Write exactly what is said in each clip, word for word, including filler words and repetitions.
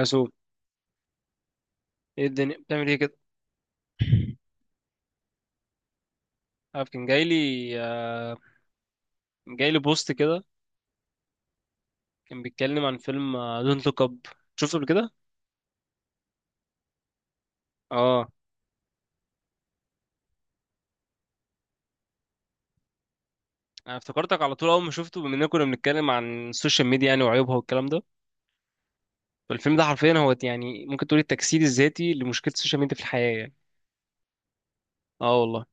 اسوق. ايه الدنيا بتعمل ايه كده؟ عارف، كان جاي لي آه جاي لي بوست كده. كان بيتكلم عن فيلم دونت لوك اب. شفته قبل كده. اه. انا افتكرتك على طول اول ما شفته، بما اننا كنا بنتكلم عن السوشيال ميديا يعني وعيوبها والكلام ده. فالفيلم ده حرفيا هو يعني ممكن تقول التجسيد الذاتي لمشكله السوشيال ميديا في الحياه يعني. اه والله.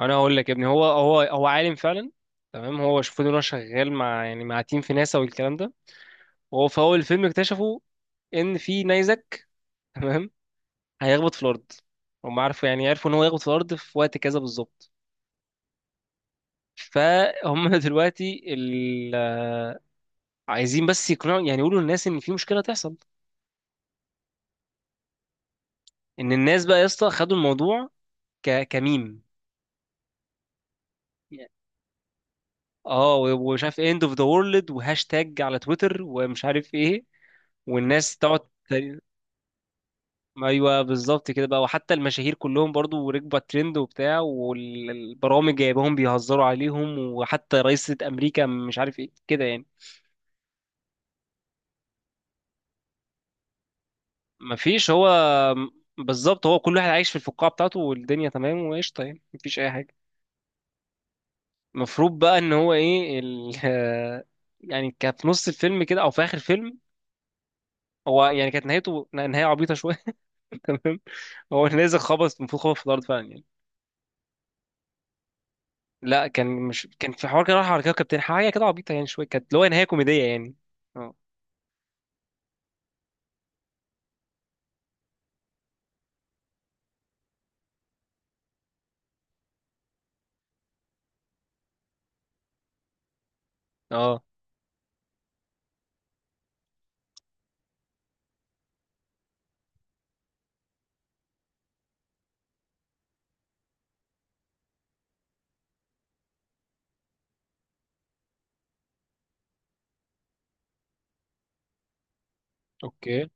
انا هقول لك يا ابني، هو هو هو عالم فعلا. تمام. هو شوفوا ان هو شغال مع يعني مع تيم في ناسا والكلام ده. وهو في اول الفيلم اكتشفوا ان في نيزك. تمام. هيخبط في الارض. هم عارفوا يعني عرفوا ان هو يخبط في الارض في وقت كذا بالظبط. فهم دلوقتي ال... عايزين بس يقنعوا يعني يقولوا للناس ان في مشكله تحصل. ان الناس بقى يا اسطى خدوا الموضوع ك... كميم. اه، و- ومش عارف اند اوف ذا وورلد وهاشتاج على تويتر ومش عارف ايه. والناس تقعد ت- ايوه بالظبط كده بقى، وحتى المشاهير كلهم برضو ركبوا على الترند وبتاع، والبرامج جايباهم بيهزروا عليهم، وحتى رئيسة امريكا مش عارف ايه كده يعني. مفيش. هو بالظبط هو كل واحد عايش في الفقاعة بتاعته، والدنيا تمام وقشطة يعني، مفيش أي حاجة. المفروض بقى إن هو إيه ال... يعني كان في نص الفيلم كده أو في آخر الفيلم. هو يعني كانت نهايته نهاية عبيطة شوية. تمام. هو نازل خبط، المفروض خبط في الأرض فعلا يعني. لا، كان مش كان في حوار كده راح على كوكب تاني حاجة كده عبيطة يعني شوية، كانت اللي هو نهاية كوميدية يعني. اه، اه، اوكي.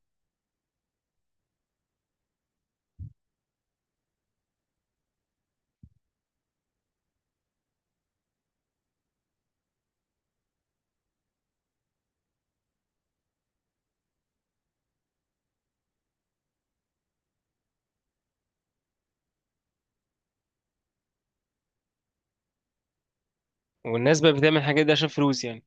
والناس بقى بتعمل الحاجات دي عشان فلوس يعني.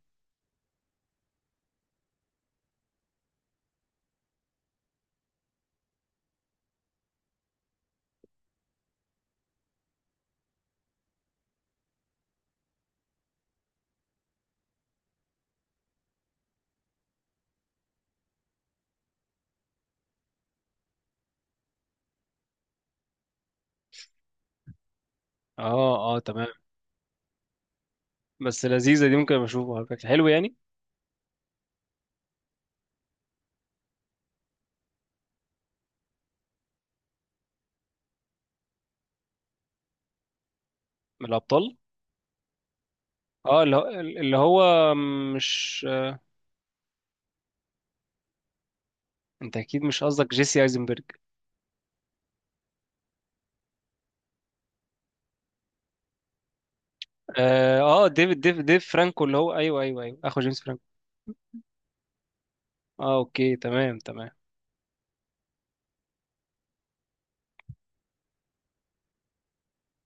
اه، اه، تمام. بس لذيذة دي، ممكن أبقى أشوفها على فكرة. حلو يعني. من الأبطال. اه. اللي هو اللي هو مش انت اكيد مش قصدك جيسي ايزنبرج؟ اه. آه، ديفيد ديف ديف فرانكو اللي هو، ايوه، ايوه، ايوه، اخو جيمس فرانكو. اه، اوكي، تمام، تمام.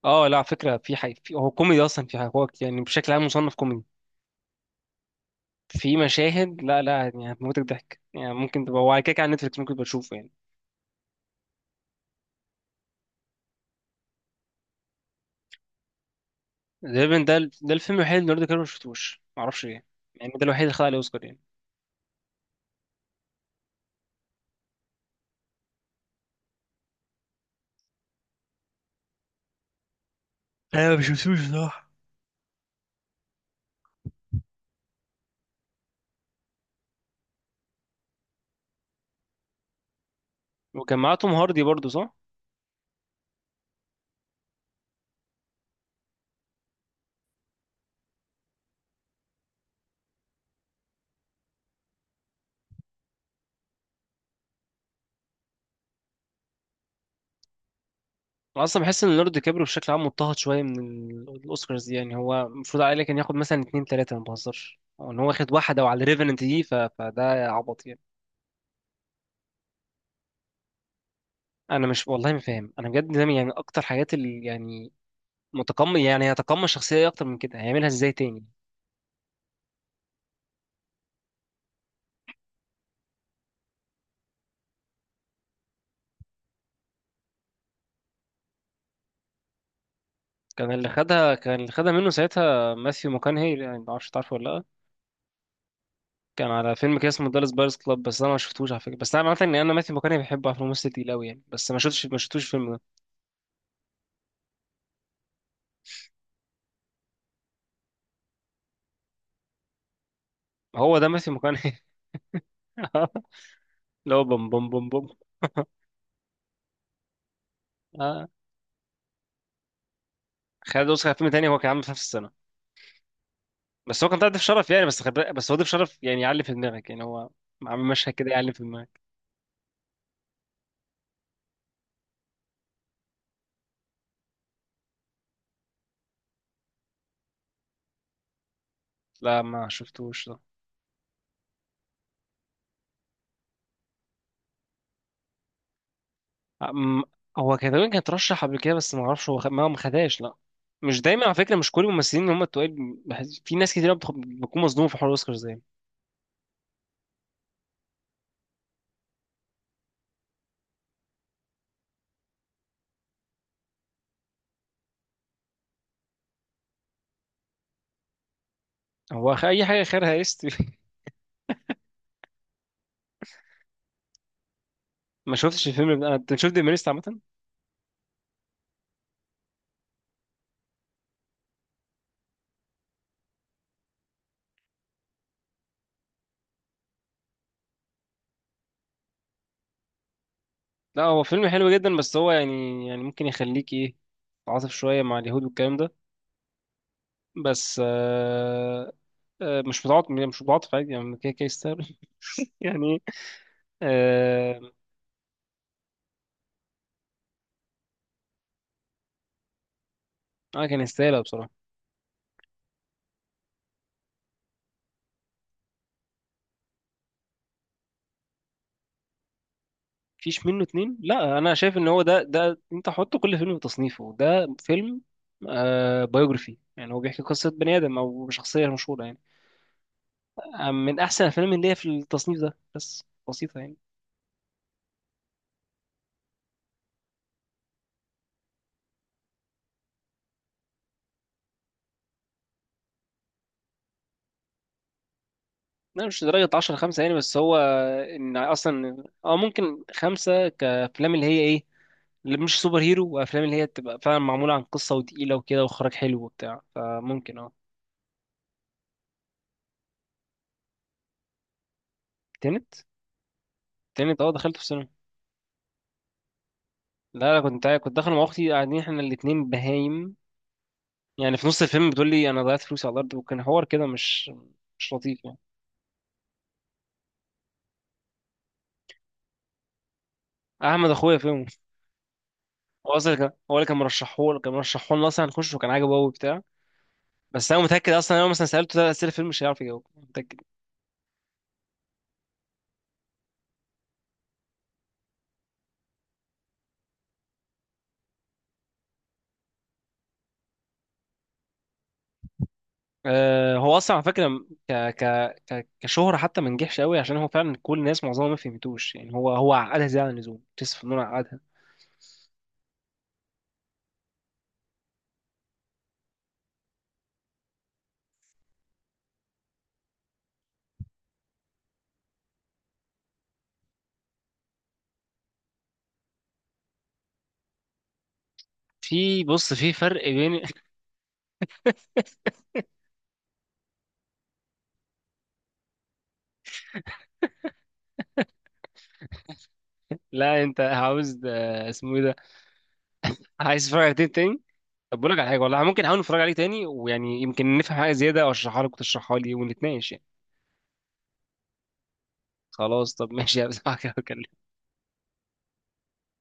اه، لا، على فكره في حي... في هو كوميدي اصلا، في حي... هو يعني بشكل عام مصنف كوميدي. في مشاهد، لا، لا، يعني هتموتك ضحك يعني، ممكن تبقى هو على كده كده على نتفلكس، ممكن تبقى تشوفه يعني. تقريبا ده ال- ده الفيلم الوحيد اللي ليوناردو دي كابريو ما شفتوش، معرفش ليه. يعني ده الوحيد اللي خد عليه اوسكار يعني. انا ما بشوفوش بصراحة. وكان معاه توم هاردي برضه، صح؟ انا اصلا بحس ان ليوناردو دي كابريو بشكل عام مضطهد شويه من ال- الاوسكارز دي، يعني هو المفروض عليه كان ياخد مثلا اتنين تلاته ما بهزرش، او ان هو واخد واحده وعلى ريفننت دي، ف... فده عبط يعني. انا مش والله ما فاهم، انا بجد ده يعني اكتر حاجات اللي يعني متقمص، يعني هيتقمص الشخصيه دي اكتر من كده هيعملها ازاي تاني؟ كان اللي خدها كان اللي خدها منه ساعتها ماثيو ماكونهي، يعني ما اعرفش تعرفه ولا لا. كان على فيلم كده اسمه دالاس بايرس كلاب، بس انا ما شفتوش على فكره، بس انا عارف ان انا ماثيو ماكونهي بحبه، عارف إنه ممثل تقيل قوي يعني، بس ما شفتش ما شفتوش الفيلم ده. هو ده ماثيو ماكونهي. اللي هو بوم بوم بوم بوم. اه. خالد اوسخ فيلم تاني هو كان عامل في نفس السنه، بس هو كان طالع ضيف شرف يعني، بس خد... بس هو ضيف شرف يعني، يعلي في دماغك يعني، هو عامل مشهد كده يعلي في دماغك. لا، ما شفتوش ده. أم... هو كان تقريبا كان ترشح قبل كده، بس ما اعرفش هو خ... ما ما خدهاش، لا. مش دايما على فكره، مش كل الممثلين اللي هم التقال بحس- في ناس كتير بتخ... بتكون مصدومه في حوار الاوسكار زي هو خ... اي حاجه خيرها است. ما شفتش الفيلم ده انا. انت شفت ديمينيست عامه؟ لا، هو فيلم حلو جدا، بس هو يعني يعني ممكن يخليك ايه، تعاطف شويه مع اليهود والكلام ده. بس آه، آه، مش متعاطف، مش متعاطف عادي يعني، كده كده يستاهل. يعني. آه، انا كان يستاهلها بصراحه. مفيش منه اتنين. لا، انا شايف ان هو ده ده انت حط كل فيلم في تصنيفه. ده فيلم آه بايوجرافي يعني هو بيحكي قصه بني ادم او شخصيه مشهوره يعني. آه، من احسن الافلام اللي هي في التصنيف ده، بس بسيطه يعني. لا، مش درجة عشرة خمسة يعني، بس هو إن أصلا أو ممكن خمسة كأفلام اللي هي إيه، اللي مش سوبر هيرو، وافلام اللي هي بتبقى فعلا معموله عن قصه وتقيله وكده واخراج حلو وبتاع، فممكن. اه. تنت، تنت، اه، دخلته في السينما. لا، انا كنت كنت داخل مع اختي، قاعدين احنا الاتنين بهايم يعني في نص الفيلم بتقول لي انا ضيعت فلوسي على الارض، وكان حوار كده مش مش لطيف يعني. احمد اخويا فيلم. هو اصلا كان هو اللي كان مرشحه كان مرشحه لنا اصلا هنخش، وكان عاجبه قوي وبتاع. بس انا متاكد، اصلا انا لو مثلا سالته ثلاث اسئله فيلم مش هيعرف يجاوب، متاكد. آه، هو اصلا على فكره ك ك ك- كشهره حتى ما نجحش قوي، عشان هو فعلا كل الناس معظمها ما فهمتوش يعني، هو هو عقدها زياده عن اللزوم، كريستوفر نولان عقدها. في، بص، في فرق بين. لا، انت عاوز آه، اسمه ايه ده، عايز تتفرج على تاني تاني؟ طب بقول لك على حاجه، والله ممكن احاول نتفرج عليه تاني، ويعني يمكن نفهم حاجه زياده، او اشرحها لك وتشرحها لي ونتناقش يعني. خلاص، طب ماشي يا بس.